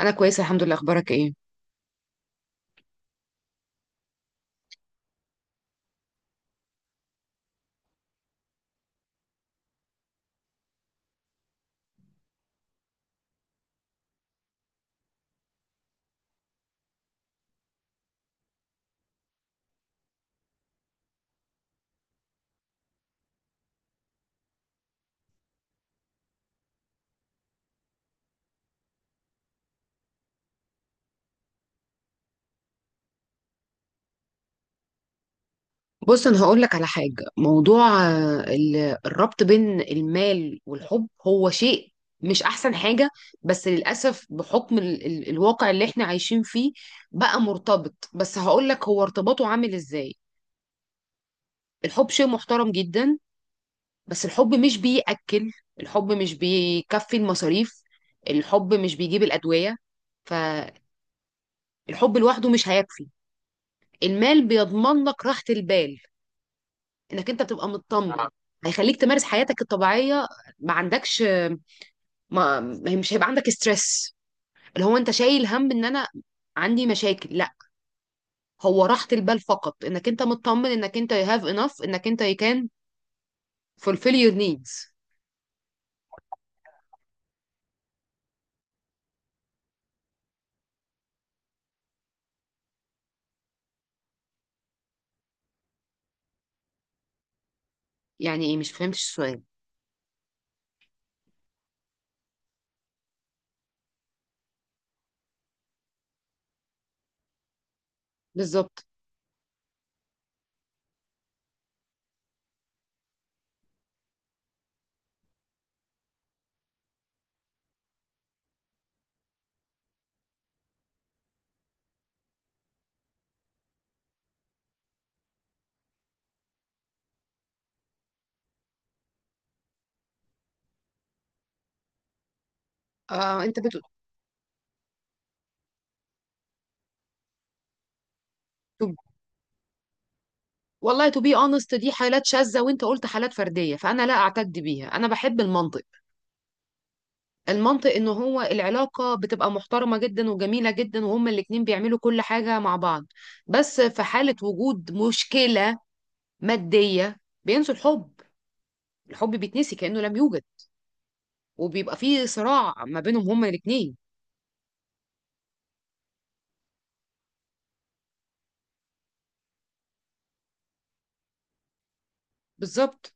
انا كويسه الحمد لله. اخبارك ايه؟ بص انا هقول لك على حاجه. موضوع الربط بين المال والحب هو شيء مش احسن حاجه، بس للاسف بحكم ال الواقع اللي احنا عايشين فيه بقى مرتبط. بس هقول لك هو ارتباطه عامل ازاي. الحب شيء محترم جدا، بس الحب مش بيأكل، الحب مش بيكفي المصاريف، الحب مش بيجيب الادويه. فالحب لوحده مش هيكفي. المال بيضمن لك راحه البال، انك انت بتبقى مطمن. هيخليك تمارس حياتك الطبيعيه، ما عندكش، مش هيبقى عندك ستريس، اللي هو انت شايل هم ان انا عندي مشاكل. لا، هو راحه البال فقط، انك انت مطمن، انك انت you have enough، انك انت you can fulfill your needs. يعني ايه؟ مش فهمتش السؤال. بالظبط. آه انت بتقول. to- والله to be honest دي حالات شاذة، وانت قلت حالات فردية، فانا لا اعتد بيها. انا بحب المنطق. المنطق ان هو العلاقة بتبقى محترمة جدا وجميلة جدا، وهما الاتنين بيعملوا كل حاجة مع بعض. بس في حالة وجود مشكلة مادية بينسوا الحب. الحب بيتنسي كأنه لم يوجد، وبيبقى فيه صراع ما بينهم هما الاتنين. بالظبط.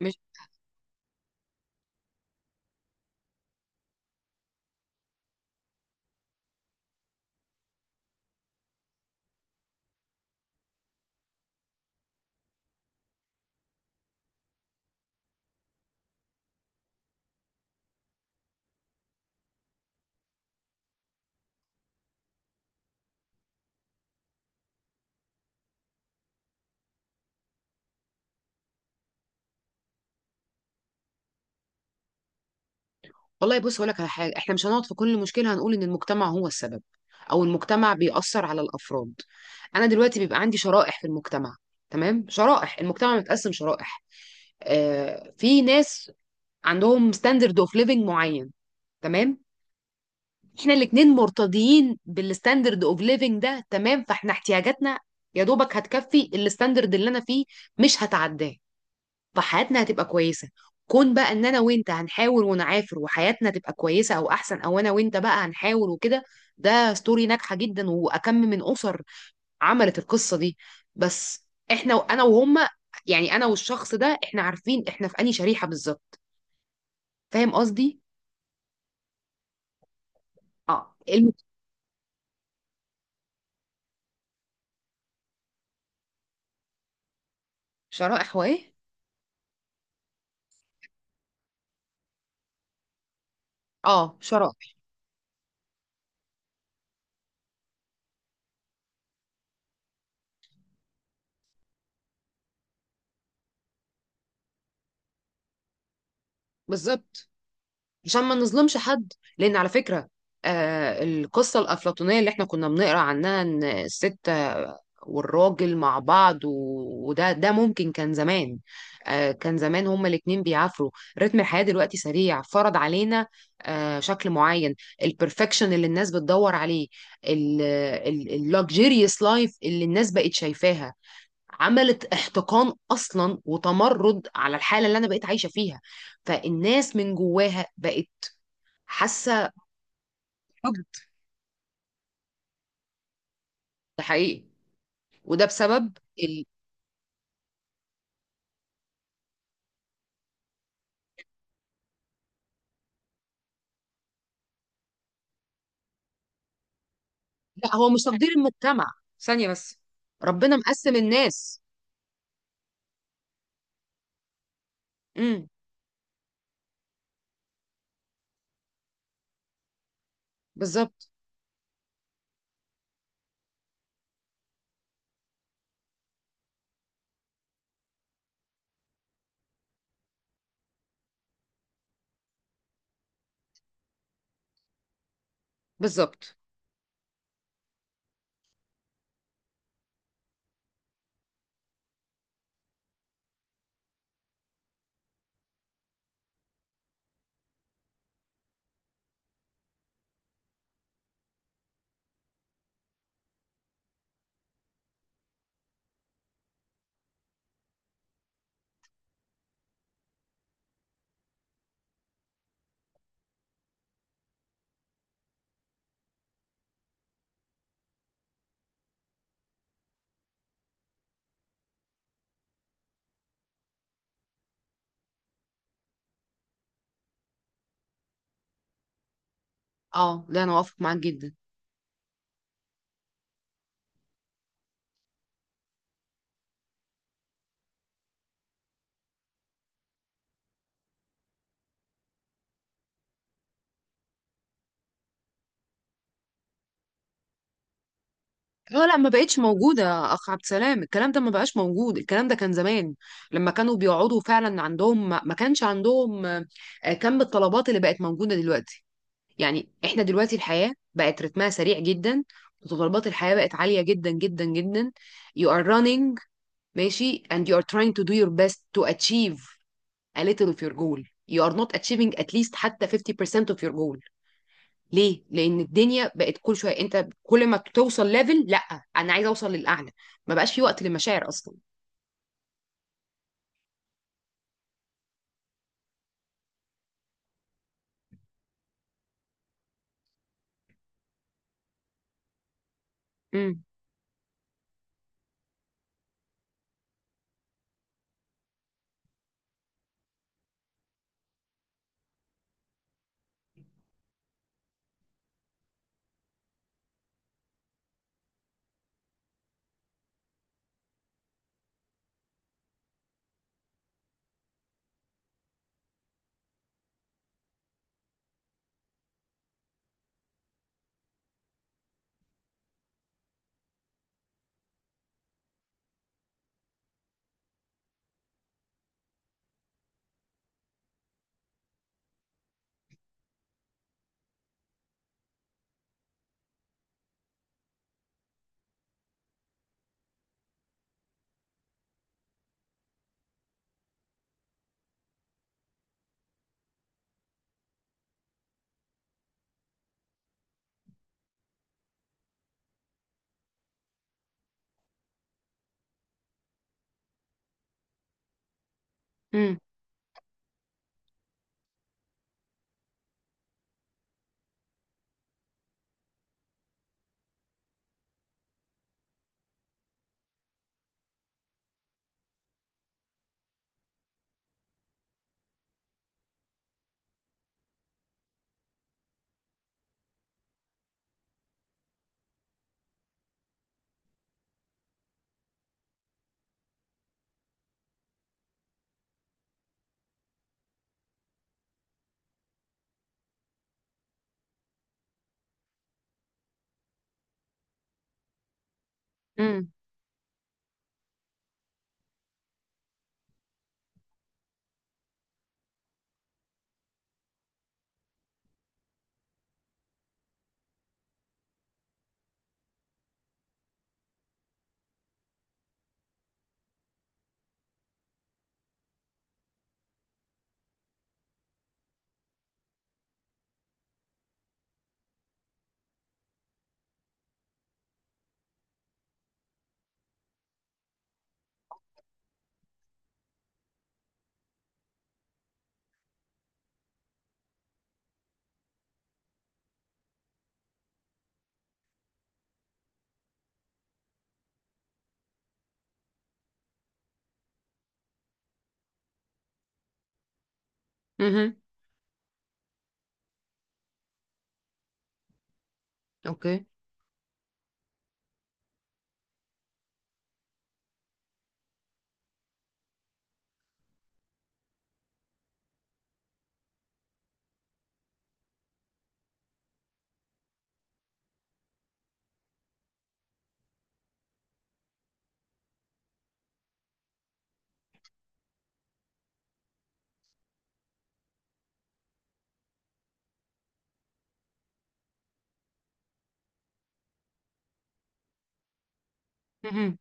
مش، والله بص هقولك على حاجة، احنا مش هنقعد في كل مشكلة هنقول ان المجتمع هو السبب او المجتمع بيأثر على الافراد. انا دلوقتي بيبقى عندي شرائح في المجتمع. تمام؟ شرائح المجتمع متقسم شرائح. في ناس عندهم ستاندرد اوف ليفنج معين، تمام؟ احنا الاتنين مرتضيين بالستاندرد اوف ليفنج ده، تمام؟ فاحنا احتياجاتنا يا دوبك هتكفي الستاندرد اللي انا فيه، مش هتعداه. فحياتنا هتبقى كويسه. كون بقى ان انا وانت هنحاول ونعافر وحياتنا تبقى كويسه او احسن، او انا وانت بقى هنحاول وكده. ده ستوري ناجحه جدا، واكم من اسر عملت القصه دي. بس احنا انا وهما، يعني انا والشخص ده، احنا عارفين احنا في انهي شريحه بالظبط. فاهم قصدي؟ اه شرائح. وايه؟ اه شرائح. بالظبط. عشان ما نظلمش حد، لان على فكره، آه القصه الافلاطونيه اللي احنا كنا بنقرا عنها ان الست والراجل مع بعض، وده ده ممكن كان زمان. آه كان زمان هما الاتنين بيعافروا. رتم الحياه دلوقتي سريع، فرض علينا شكل معين. البرفكشن اللي الناس بتدور عليه، اللوكجيريوس لايف اللي الناس بقت شايفاها، عملت احتقان اصلا وتمرد على الحاله اللي انا بقيت عايشه فيها. فالناس من جواها بقت حاسه حقد. ده حقيقي. وده بسبب ال... لا، هو مش تقدير المجتمع. ثانيه بس. ربنا مقسم الناس. امم. بالظبط. بالظبط. اه لا، انا وافق معاك جدا. اه لا، ما بقتش موجوده يا اخ عبد السلام. الكلام ده ما بقاش موجود، الكلام ده كان زمان، لما كانوا بيقعدوا فعلا عندهم، ما كانش عندهم كم الطلبات اللي بقت موجوده دلوقتي. يعني احنا دلوقتي الحياة بقت رتمها سريع جدا، متطلبات الحياة بقت عالية جدا جدا جدا. You are running ماشي and you are trying to do your best to achieve a little of your goal. You are not achieving at least حتى 50% of your goal. ليه؟ لأن الدنيا بقت كل شوية انت كل ما توصل ليفل، لا انا عايزة اوصل للأعلى. ما بقاش في وقت للمشاعر أصلا. امم. امم. امم. اوكي. مهم.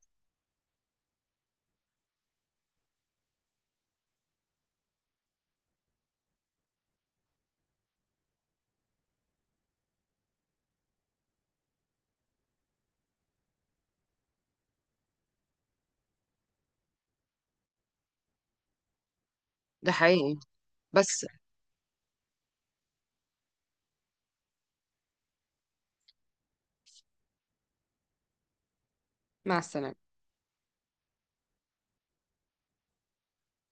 ده حقيقي. بس مع السلامة.